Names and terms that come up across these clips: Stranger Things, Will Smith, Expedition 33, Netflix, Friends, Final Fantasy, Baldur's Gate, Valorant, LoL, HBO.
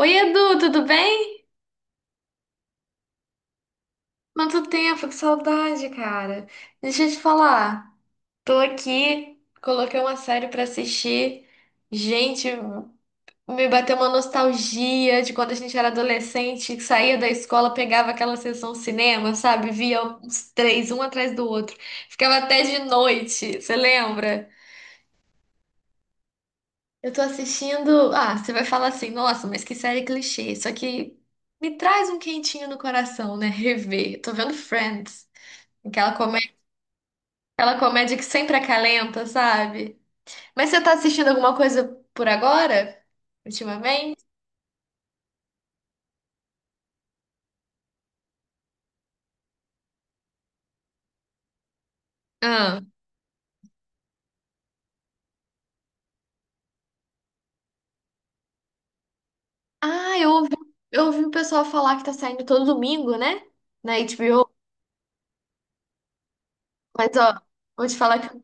Oi, Edu, tudo bem? Quanto tempo, que saudade, cara. Deixa eu te falar. Tô aqui, coloquei uma série pra assistir. Gente, me bateu uma nostalgia de quando a gente era adolescente, que saía da escola, pegava aquela sessão cinema, sabe? Via uns três, um atrás do outro. Ficava até de noite, você lembra? Eu tô assistindo. Ah, você vai falar assim, nossa, mas que série clichê. Só que me traz um quentinho no coração, né? Rever. Tô vendo Friends. Aquela comédia, aquela comédia que sempre acalenta, sabe? Mas você tá assistindo alguma coisa por agora? Ultimamente? Ah, ah eu ouvi, eu ouvi o pessoal falar que tá saindo todo domingo, né? Na HBO. Mas, ó, vou te falar que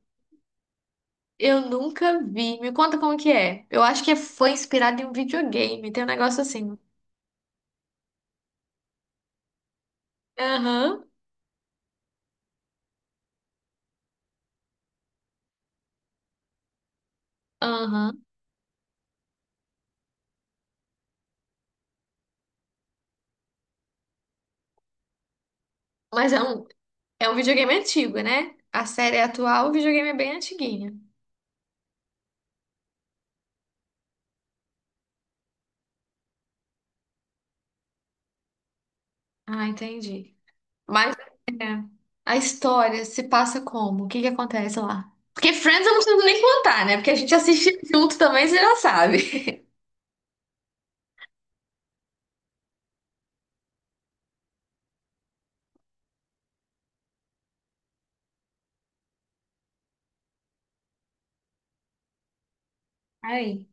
eu nunca vi. Me conta como que é. Eu acho que é, foi inspirado em um videogame. Tem um negócio assim. Aham, aham. Mas é um videogame antigo, né? A série é atual, o videogame é bem antiguinho. Ah, entendi. Mas é, a história se passa como? O que que acontece lá? Porque Friends eu não preciso nem contar, né? Porque a gente assiste junto também, você já sabe. Ai.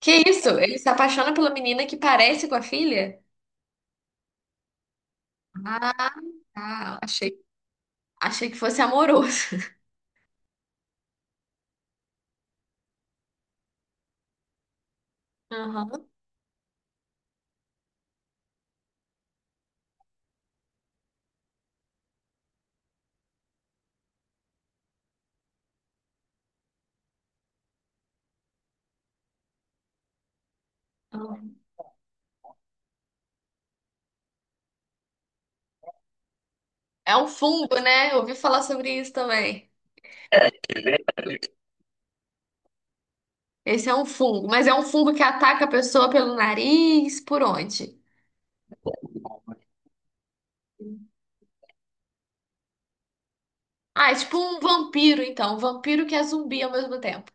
Que isso? Ele se apaixona pela menina que parece com a filha? Ah, tá. Achei que fosse amoroso. Aham. Aham. É um fungo, né? Eu ouvi falar sobre isso também. Esse é um fungo, mas é um fungo que ataca a pessoa pelo nariz, por onde? Ah, é tipo um vampiro, então. Um vampiro que é zumbi ao mesmo tempo.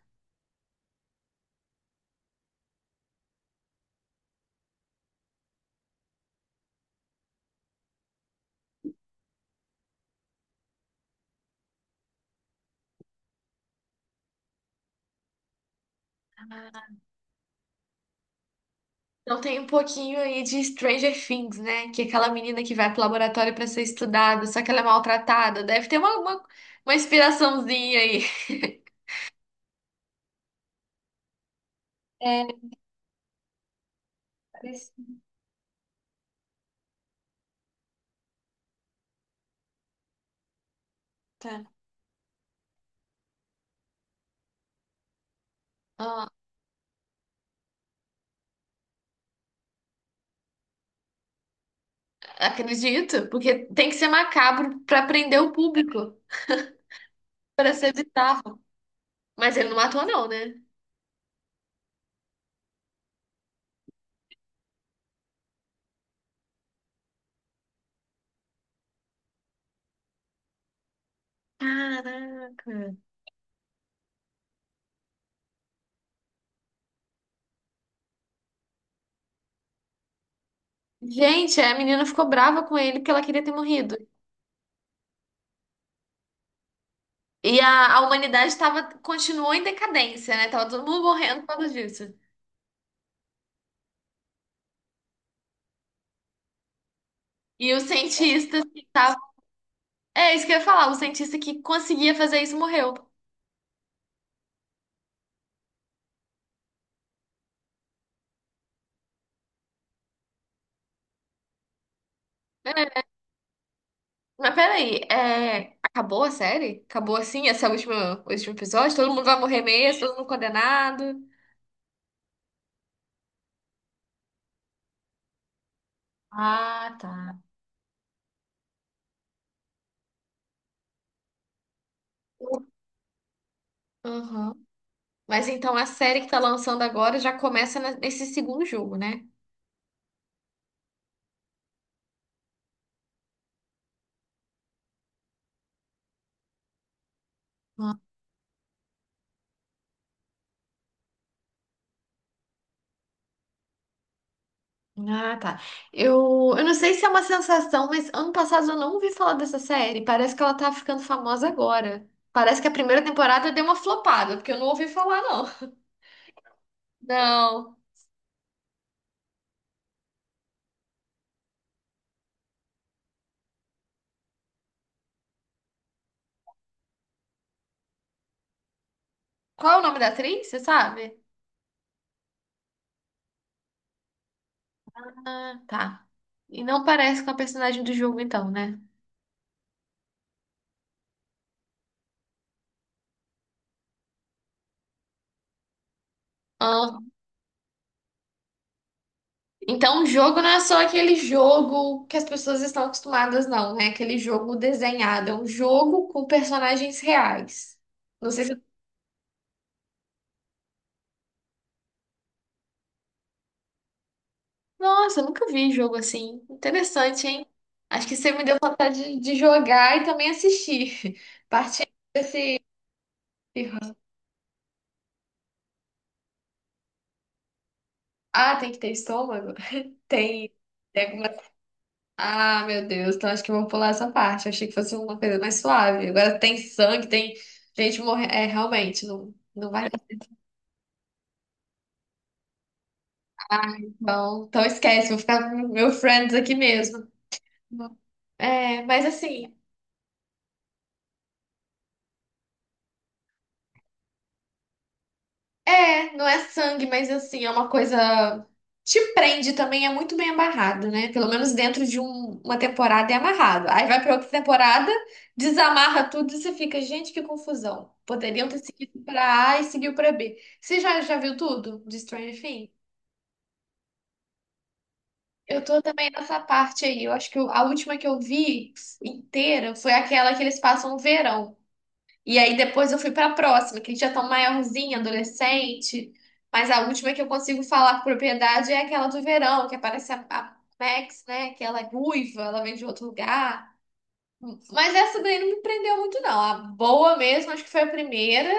Então tem um pouquinho aí de Stranger Things, né? Que é aquela menina que vai pro laboratório pra ser estudada, só que ela é maltratada. Deve ter uma inspiraçãozinha aí. É, parece. Tá. Ah, acredito, porque tem que ser macabro pra prender o público, pra ser bizarro. Mas ele não matou, não, né? Caraca. Gente, a menina ficou brava com ele porque ela queria ter morrido. E a humanidade tava, continuou em decadência, né? Tava todo mundo morrendo por causa disso. E os cientistas que é isso que eu ia falar, o cientista que conseguia fazer isso morreu. É, mas peraí, é, acabou a série? Acabou assim? Esse é o último episódio? Todo mundo vai morrer mesmo, todo mundo condenado? Ah, tá. Uhum. Mas então a série que tá lançando agora já começa na- nesse segundo jogo, né? Ah, tá. Eu não sei se é uma sensação, mas ano passado eu não ouvi falar dessa série. Parece que ela tá ficando famosa agora. Parece que a primeira temporada deu uma flopada, porque eu não ouvi falar, não. Não. Qual é o nome da atriz? Você sabe? Ah, tá. E não parece com a personagem do jogo, então, né? Ah, então, o jogo não é só aquele jogo que as pessoas estão acostumadas, não, né? Aquele jogo desenhado. É um jogo com personagens reais. Não sei se. Nossa, eu nunca vi um jogo assim. Interessante, hein? Acho que você me deu vontade de jogar e também assistir. Partindo desse. Ah, tem que ter estômago? Tem. Tem ah, meu Deus, então acho que eu vou pular essa parte. Eu achei que fosse uma coisa mais suave. Agora tem sangue, tem gente morrendo. É, realmente, não, não vai dar. Ah, então, então esquece, vou ficar com meu friends aqui mesmo. É, mas assim, é, não é sangue, mas assim, é uma coisa. Te prende também, é muito bem amarrado, né? Pelo menos dentro de um- uma temporada é amarrado. Aí vai pra outra temporada, desamarra tudo e você fica, gente, que confusão. Poderiam ter seguido pra A e seguiu pra B. Você já, já viu tudo de Stranger Things? Eu tô também nessa parte aí. Eu acho que eu- a última que eu vi inteira foi aquela que eles passam o verão. E aí depois eu fui pra próxima, que eles já estão maiorzinho, adolescente. Mas a última que eu consigo falar com propriedade é aquela do verão, que aparece a Max, né? Que ela é ruiva, ela vem de outro lugar. Mas essa daí não me prendeu muito, não. A boa mesmo, acho que foi a primeira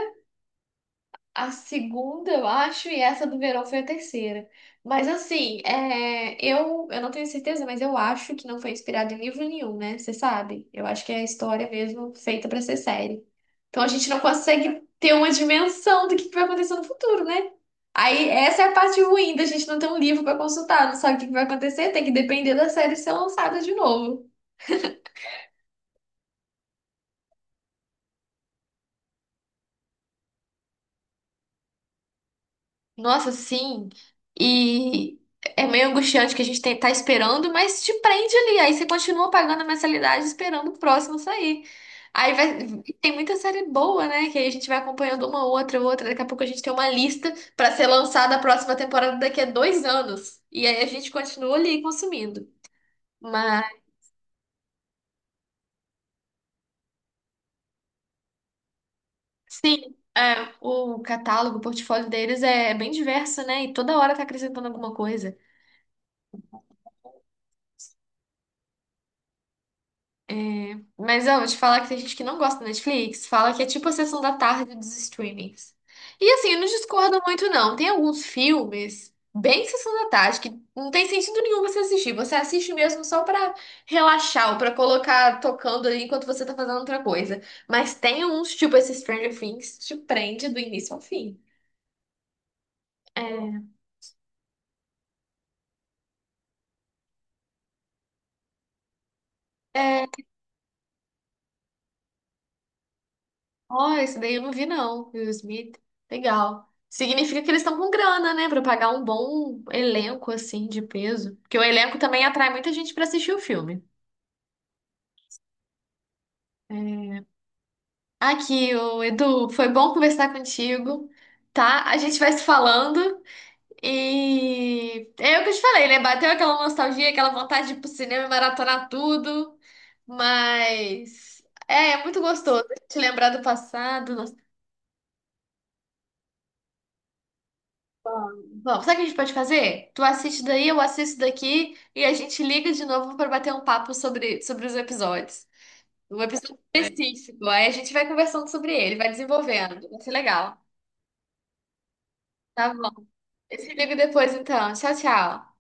a segunda, eu acho, e essa do verão foi a terceira. Mas assim, é, eu não tenho certeza, mas eu acho que não foi inspirado em livro nenhum, né? Você sabe? Eu acho que é a história mesmo feita pra ser série. Então a gente não consegue ter uma dimensão do que vai acontecer no futuro, né? Aí essa é a parte ruim da gente não ter um livro pra consultar, não sabe o que vai acontecer, tem que depender da série ser lançada de novo. Nossa, sim. E é meio angustiante que a gente tem- tá esperando, mas te prende ali. Aí você continua pagando a mensalidade esperando o próximo sair. Aí vai, tem muita série boa, né? Que aí a gente vai acompanhando uma outra, outra. Daqui a pouco a gente tem uma lista pra ser lançada a próxima temporada daqui a dois anos. E aí a gente continua ali consumindo. Mas, sim, é, o catálogo, o portfólio deles é bem diverso, né? E toda hora tá acrescentando alguma coisa. Mas eu vou te falar que tem gente que não gosta da Netflix, fala que é tipo a sessão da tarde dos streamings. E assim, eu não discordo muito, não. Tem alguns filmes bem sessão da tarde que não tem sentido nenhum você assistir. Você assiste mesmo só pra relaxar ou pra colocar tocando ali enquanto você tá fazendo outra coisa. Mas tem uns, tipo esse Stranger Things, que te prende do início ao fim. É. É, ó, esse daí eu não vi, não. Will Smith. Legal. Significa que eles estão com grana, né? Pra pagar um bom elenco, assim, de peso. Porque o elenco também atrai muita gente pra assistir o filme. É. Aqui, o Edu, foi bom conversar contigo, tá? A gente vai se falando e é o que eu te falei, né? Bateu aquela nostalgia, aquela vontade de ir pro cinema e maratonar tudo, mas é, é muito gostoso a gente lembrar do passado, vamos, vamos. Sabe o que a gente pode fazer? Tu assiste daí, eu assisto daqui e a gente liga de novo para bater um papo sobre, sobre os episódios. Um episódio é, específico. Aí a gente vai conversando sobre ele, vai desenvolvendo. Vai ser legal. Tá bom. Eu te ligo depois, então. Tchau, tchau.